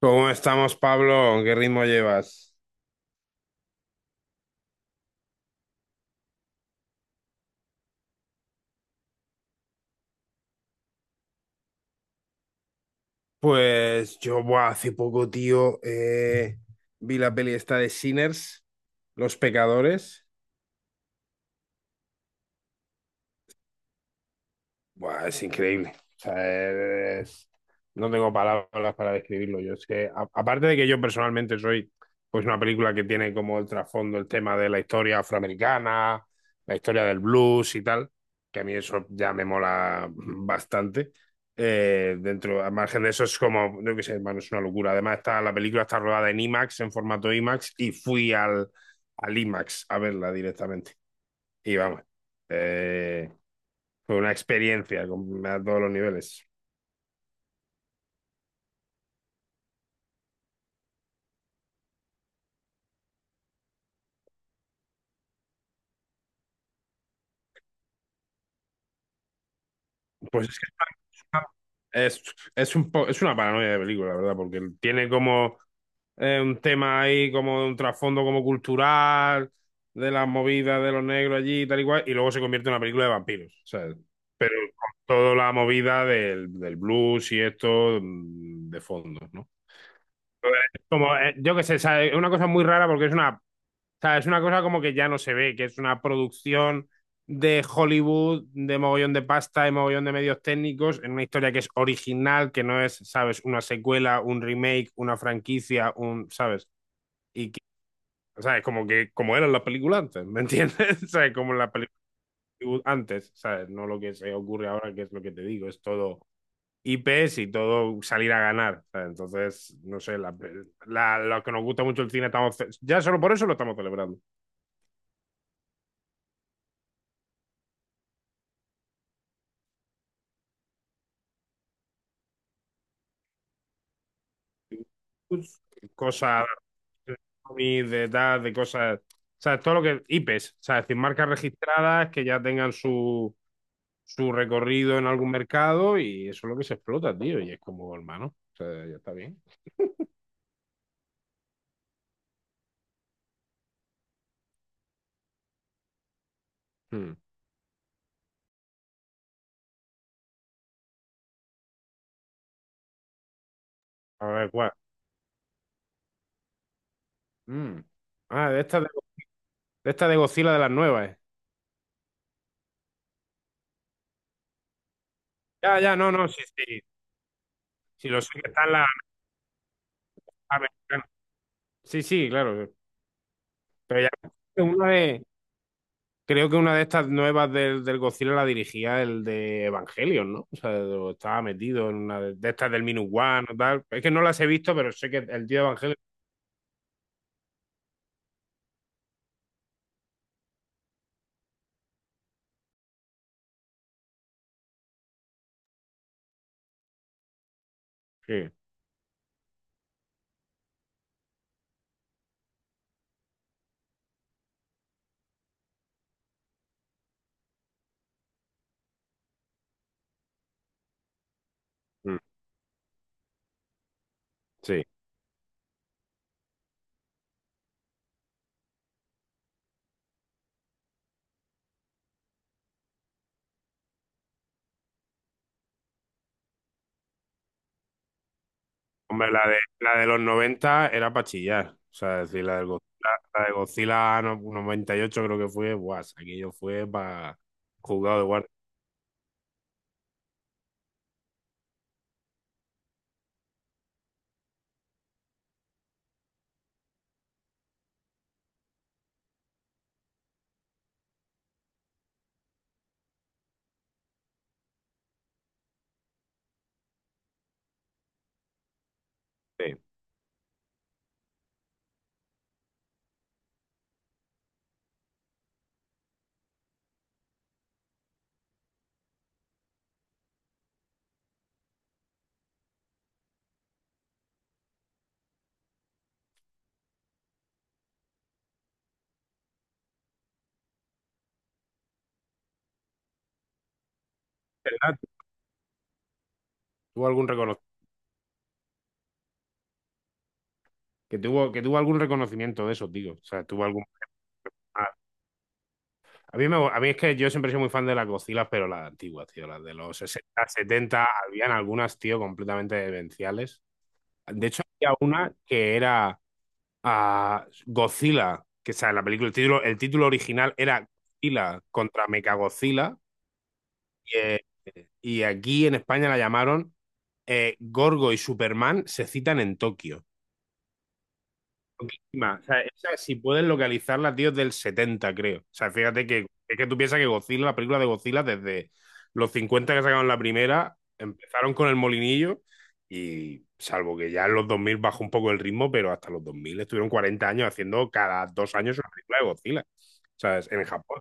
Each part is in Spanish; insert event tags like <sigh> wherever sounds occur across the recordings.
¿Cómo estamos, Pablo? ¿Qué ritmo llevas? Pues yo, buah, hace poco, tío, vi la peli esta de Sinners, Los Pecadores. Buah, es increíble. O sea, es- no tengo palabras para describirlo. Yo es que, a- aparte de que yo personalmente soy, pues una película que tiene como el trasfondo el tema de la historia afroamericana, la historia del blues y tal, que a mí eso ya me mola bastante. Dentro, al margen de eso es como, no qué sé, hermano, es una locura. Además, está, la película está rodada en IMAX, en formato IMAX, y fui al, al IMAX a verla directamente. Y vamos, eh, fue una experiencia con- a todos los niveles. Pues es que es, es un po- es una paranoia de película, la verdad, porque tiene como un tema ahí, como un trasfondo como cultural, de las movidas de los negros allí y tal y cual, y luego se convierte en una película de vampiros, ¿sabes? Pero con toda la movida del blues y esto de fondo, ¿no? Entonces, como, yo qué sé, ¿sabes? Es una cosa muy rara porque es una... O sea, es una cosa como que ya no se ve, que es una producción de Hollywood, de mogollón de pasta, de mogollón de medios técnicos, en una historia que es original, que no es, ¿sabes? Una secuela, un remake, una franquicia, un, ¿sabes? Y, que- ¿sabes? Como que, como eran las películas antes, ¿me entiendes? <laughs> ¿Sabes? Como las películas antes, ¿sabes? No lo que se ocurre ahora, que es lo que te digo, es todo IPs y todo salir a ganar, ¿sabes? Entonces, no sé, la, lo que nos gusta mucho el cine, estamos, ce- ya solo por eso lo estamos celebrando. Cosa de cómics, de tal, de cosas. O sea, todo lo que. IPs, o sea, es decir, marcas registradas que ya tengan su, su recorrido en algún mercado y eso es lo que se explota, tío. Y es como, hermano, o sea, ya está bien. Hmm. A ver, ¿cuál? Hmm. Ah, de esta de Godzilla de las nuevas. Ya, ya, no, no, sí, sí. Sí, lo sé que están las americanas. Sí, sí, claro. Pero ya una de, creo que una de estas nuevas del Godzilla la dirigía el de Evangelion, ¿no? O sea, lo estaba metido en una de estas del Minus One o tal. Es que no las he visto, pero sé que el tío de Evangelion. Sí. Mm, sí. Hombre, la de los 90 era para chillar. O sea, es decir, la, del Godzilla, la de Godzilla no- 98 creo que fue, buah, aquello fue para jugado de guardia. Sí. ¿Verdad? ¿Tuvo algún recono- que tuvo algún reconocimiento de eso, digo. O sea, tuvo algún... A mí, me, a mí es que yo siempre soy muy fan de las Godzilla, pero las antiguas, tío, las de los 60, setenta habían algunas, tío, completamente demenciales. De hecho, había una que era ah, Godzilla, que o sea, la película, el título original era Godzilla contra Mechagodzilla, y, eh, y aquí en España la llamaron Gorgo y Superman se citan en Tokio. Encima, o sea, esa, si puedes localizarla, tío, es del 70 creo. O sea, fíjate que es que tú piensas que Godzilla, la película de Godzilla, desde los 50 que sacaron la primera, empezaron con el molinillo y salvo que ya en los 2000 bajó un poco el ritmo, pero hasta los 2000 estuvieron 40 años haciendo cada 2 años una película de Godzilla. O sea, es- en Japón.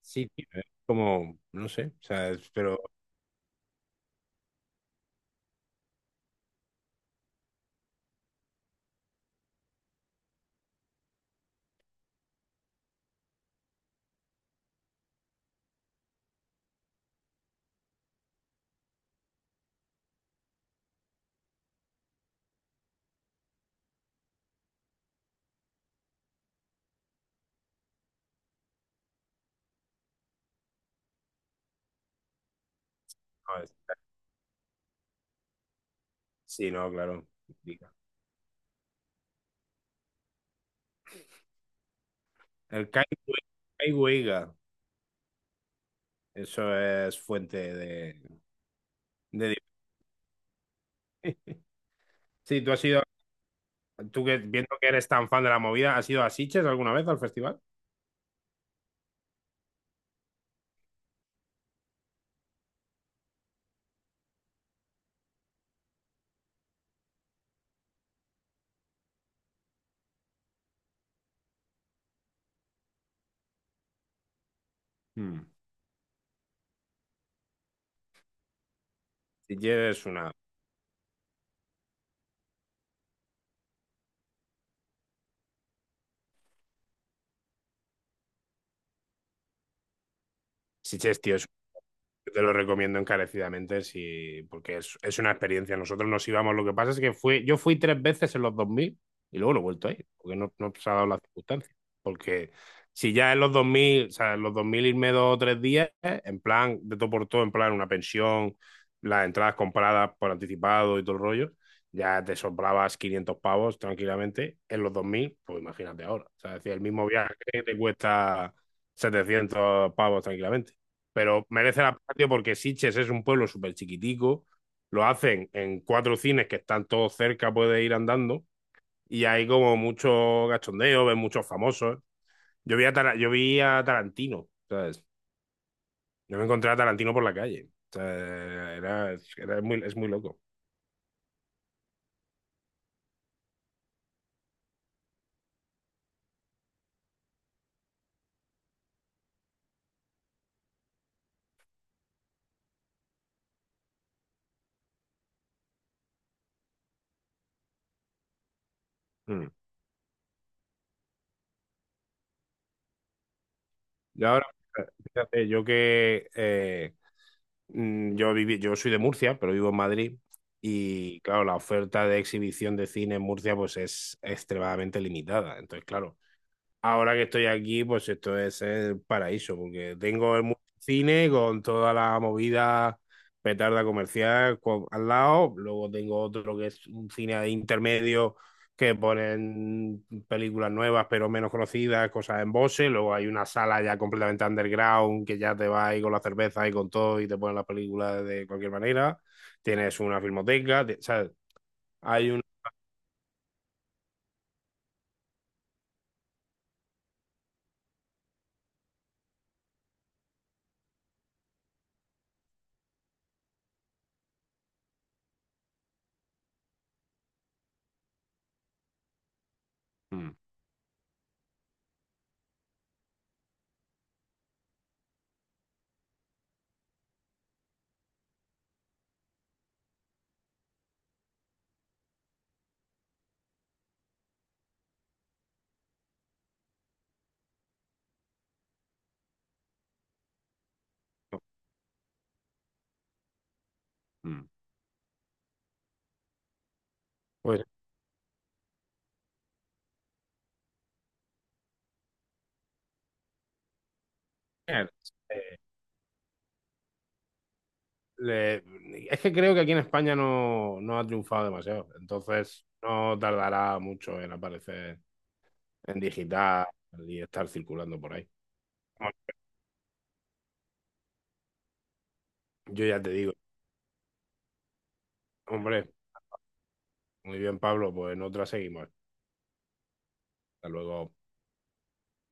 Sí, tío, es como, no sé, o sea, es- pero no, es- sí, no, claro. Diga. El Kai Wei- Kai Weiga, eso es fuente de... de... Sí, tú has ido, tú que viendo que eres tan fan de la movida, ¿has ido a Sitges alguna vez al festival? Hmm. Sitges es una... Sitges, tío, yo te lo recomiendo encarecidamente si, porque es una experiencia. Nosotros nos íbamos, lo que pasa es que fui, yo fui 3 veces en los 2000 y luego lo he vuelto a ir, porque no, no se ha dado la circunstancia. Porque si ya en los dos mil, o sea, en los 2000 irme 2 o 3 días, en plan, de todo por todo, en plan, una pensión, las entradas compradas por anticipado y todo el rollo, ya te sobrabas 500 pavos tranquilamente. En los 2000 pues imagínate ahora. O sea, es decir, el mismo viaje te cuesta 700 pavos tranquilamente, pero merece la pena, tío, porque Sitges es un pueblo súper chiquitico, lo hacen en 4 cines que están todos cerca, puedes ir andando, y hay como mucho gachondeo, ves muchos famosos. Yo vi a, Tara- yo vi a Tarantino, ¿sabes? Yo me encontré a Tarantino por la calle. O sea, era, era muy, es muy loco. Mm. Y ahora, fíjate, yo que yo viví, yo soy de Murcia, pero vivo en Madrid. Y claro, la oferta de exhibición de cine en Murcia pues es extremadamente limitada. Entonces, claro, ahora que estoy aquí, pues esto es el paraíso, porque tengo el mu- cine con toda la movida petarda comercial co- al lado, luego tengo otro que es un cine de intermedio que ponen películas nuevas pero menos conocidas, cosas en Bose, luego hay una sala ya completamente underground que ya te va ahí con la cerveza y con todo y te ponen las películas de cualquier manera, tienes una filmoteca, te- ¿sabes? Hay un... Mm, mm. Pues... eh, le- es que creo que aquí en España no, no ha triunfado demasiado, entonces no tardará mucho en aparecer en digital y estar circulando por ahí. Bueno, yo ya te digo, hombre, muy bien Pablo, pues en otra seguimos. Hasta luego.